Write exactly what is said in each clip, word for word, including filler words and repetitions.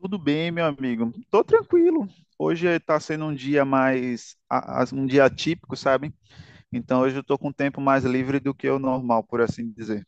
Tudo bem, meu amigo. Tô tranquilo. Hoje tá sendo um dia mais, a- as- um dia atípico, sabe? Então hoje eu tô com um tempo mais livre do que o normal, por assim dizer.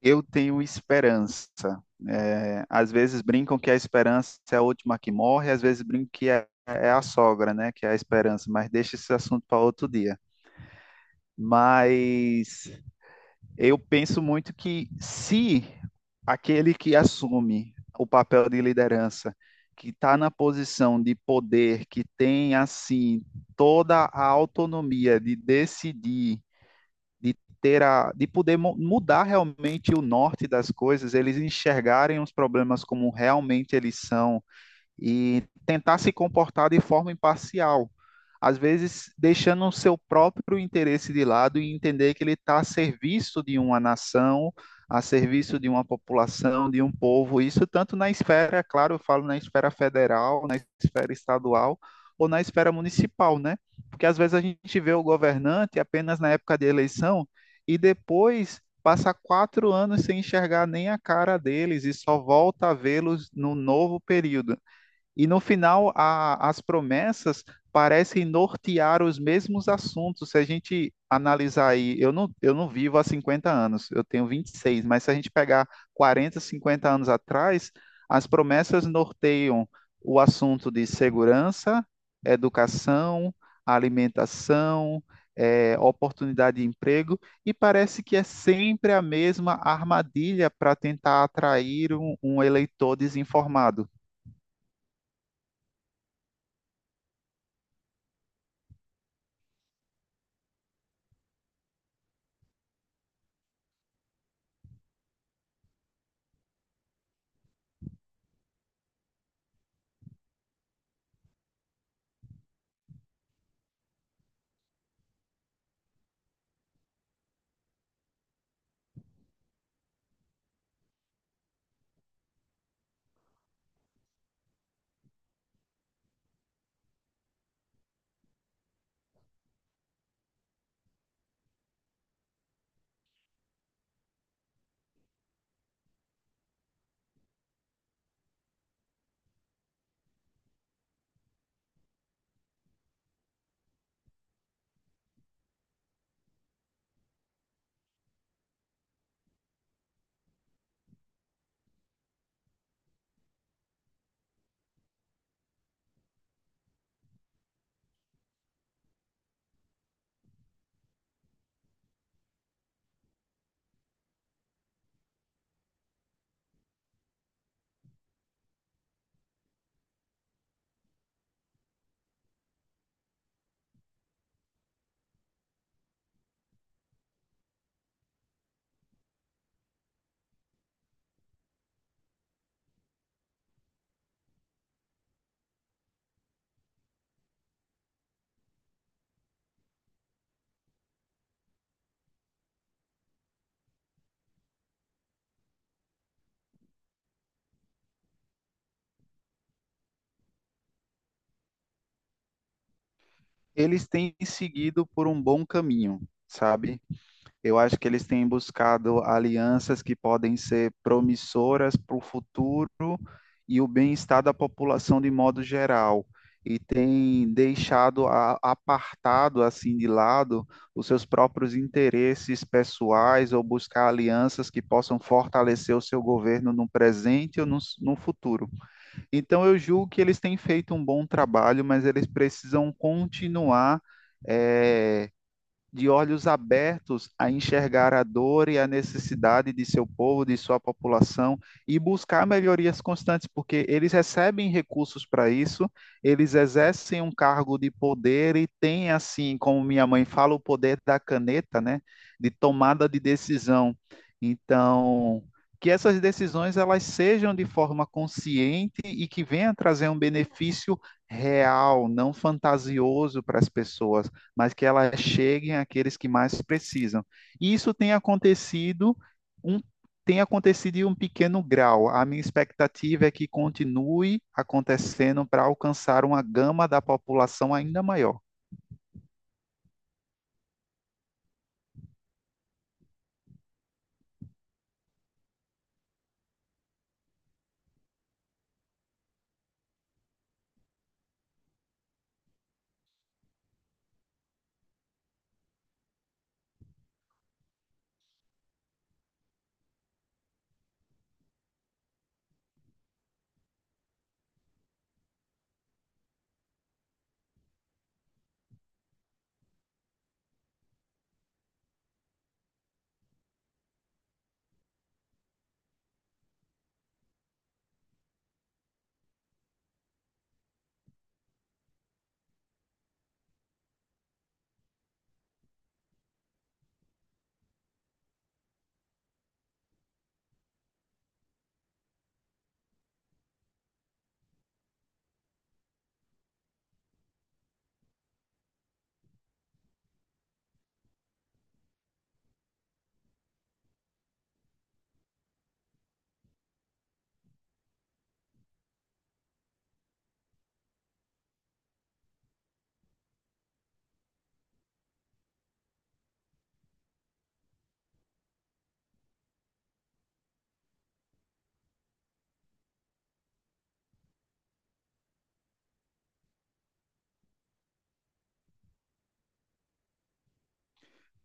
Eu tenho esperança. É, às vezes brincam que a esperança é a última que morre, às vezes brincam que é, é a sogra, né? Que é a esperança, mas deixa esse assunto para outro dia. Mas eu penso muito que se aquele que assume o papel de liderança, que está na posição de poder, que tem assim toda a autonomia de decidir, de ter a, de poder mu- mudar realmente o norte das coisas, eles enxergarem os problemas como realmente eles são e tentar se comportar de forma imparcial, às vezes deixando o seu próprio interesse de lado e entender que ele está a serviço de uma nação, a serviço de uma população, de um povo, isso tanto na esfera, claro, eu falo na esfera federal, na esfera estadual ou na esfera municipal, né? Porque às vezes a gente vê o governante apenas na época de eleição e depois passa quatro anos sem enxergar nem a cara deles e só volta a vê-los no novo período. E no final, a- as promessas parecem nortear os mesmos assuntos. Se a gente analisar aí, eu não, eu não vivo há cinquenta anos, eu tenho vinte e seis, mas se a gente pegar quarenta, cinquenta anos atrás, as promessas norteiam o assunto de segurança, educação, alimentação, eh, oportunidade de emprego, e parece que é sempre a mesma armadilha para tentar atrair um um eleitor desinformado. Eles têm seguido por um bom caminho, sabe? Eu acho que eles têm buscado alianças que podem ser promissoras para o futuro e o bem-estar da população de modo geral. E têm deixado a- apartado, assim, de lado os seus próprios interesses pessoais ou buscar alianças que possam fortalecer o seu governo no presente ou no, s- no futuro. Então, eu julgo que eles têm feito um bom trabalho, mas eles precisam continuar. é, de olhos abertos a enxergar a dor e a necessidade de seu povo, de sua população e buscar melhorias constantes, porque eles recebem recursos para isso, eles exercem um cargo de poder e têm, assim, como minha mãe fala, o poder da caneta, né, de tomada de decisão. Então, que essas decisões elas sejam de forma consciente e que venha trazer um benefício real, não fantasioso para as pessoas, mas que elas cheguem àqueles que mais precisam. E isso tem acontecido um tem acontecido em um pequeno grau. A minha expectativa é que continue acontecendo para alcançar uma gama da população ainda maior.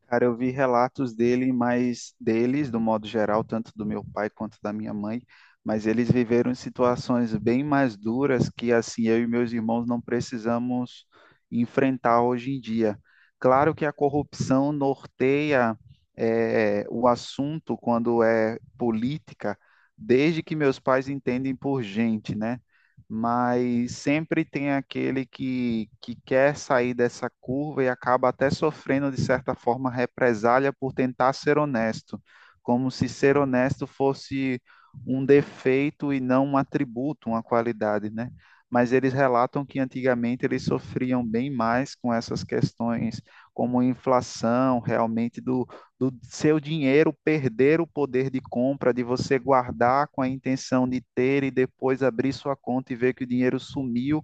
Cara, eu vi relatos dele, mas deles, do modo geral, tanto do meu pai quanto da minha mãe, mas eles viveram situações bem mais duras que assim eu e meus irmãos não precisamos enfrentar hoje em dia. Claro que a corrupção norteia eh, o assunto quando é política, desde que meus pais entendem por gente, né? Mas sempre tem aquele que, que quer sair dessa curva e acaba até sofrendo, de certa forma, represália por tentar ser honesto, como se ser honesto fosse um defeito e não um atributo, uma qualidade, né? Mas eles relatam que antigamente eles sofriam bem mais com essas questões, como inflação realmente do do seu dinheiro perder o poder de compra, de você guardar com a intenção de ter e depois abrir sua conta e ver que o dinheiro sumiu,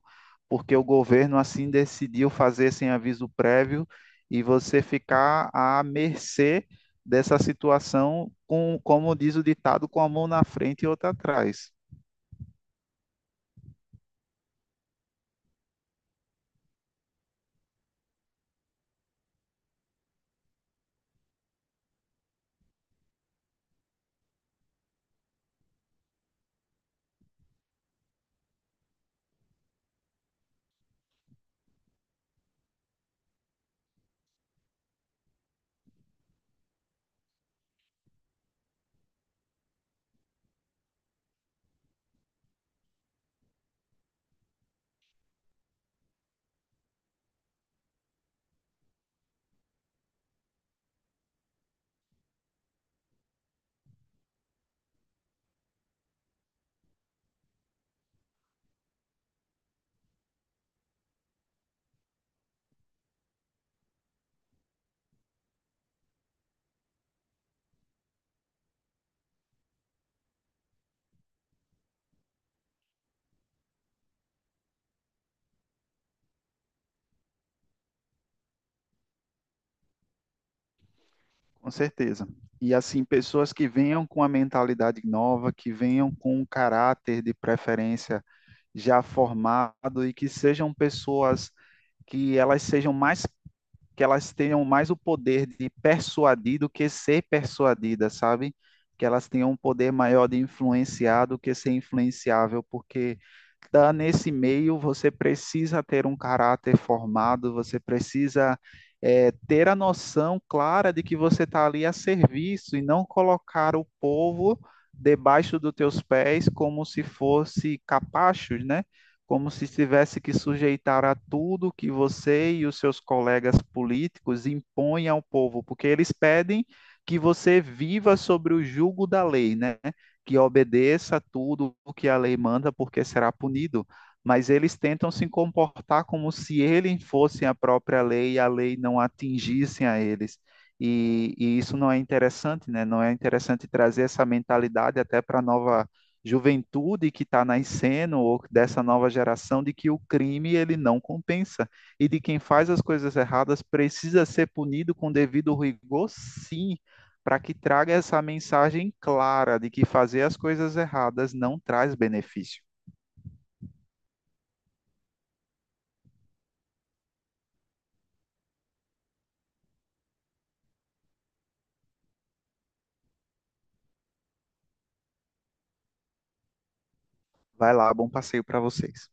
porque o governo assim decidiu fazer sem aviso prévio e você ficar à mercê dessa situação com, como diz o ditado, com a mão na frente e outra atrás. Com certeza. E assim, pessoas que venham com a mentalidade nova, que venham com um caráter de preferência já formado e que sejam pessoas que elas sejam mais, que elas tenham mais o poder de persuadir do que ser persuadidas, sabe? Que elas tenham um poder maior de influenciar do que ser influenciável, porque tá nesse meio você precisa ter um caráter formado, você precisa é, ter a noção clara de que você está ali a serviço e não colocar o povo debaixo dos teus pés como se fosse capachos, né? Como se tivesse que sujeitar a tudo que você e os seus colegas políticos impõem ao povo, porque eles pedem que você viva sobre o jugo da lei, né? Que obedeça a tudo o que a lei manda, porque será punido. Mas eles tentam se comportar como se eles fossem a própria lei e a lei não atingissem a eles. E, e, isso não é interessante, né? Não é interessante trazer essa mentalidade até para a nova juventude que está nascendo ou dessa nova geração, de que o crime ele não compensa e de quem faz as coisas erradas precisa ser punido com devido rigor, sim, para que traga essa mensagem clara de que fazer as coisas erradas não traz benefício. Vai lá, bom passeio para vocês.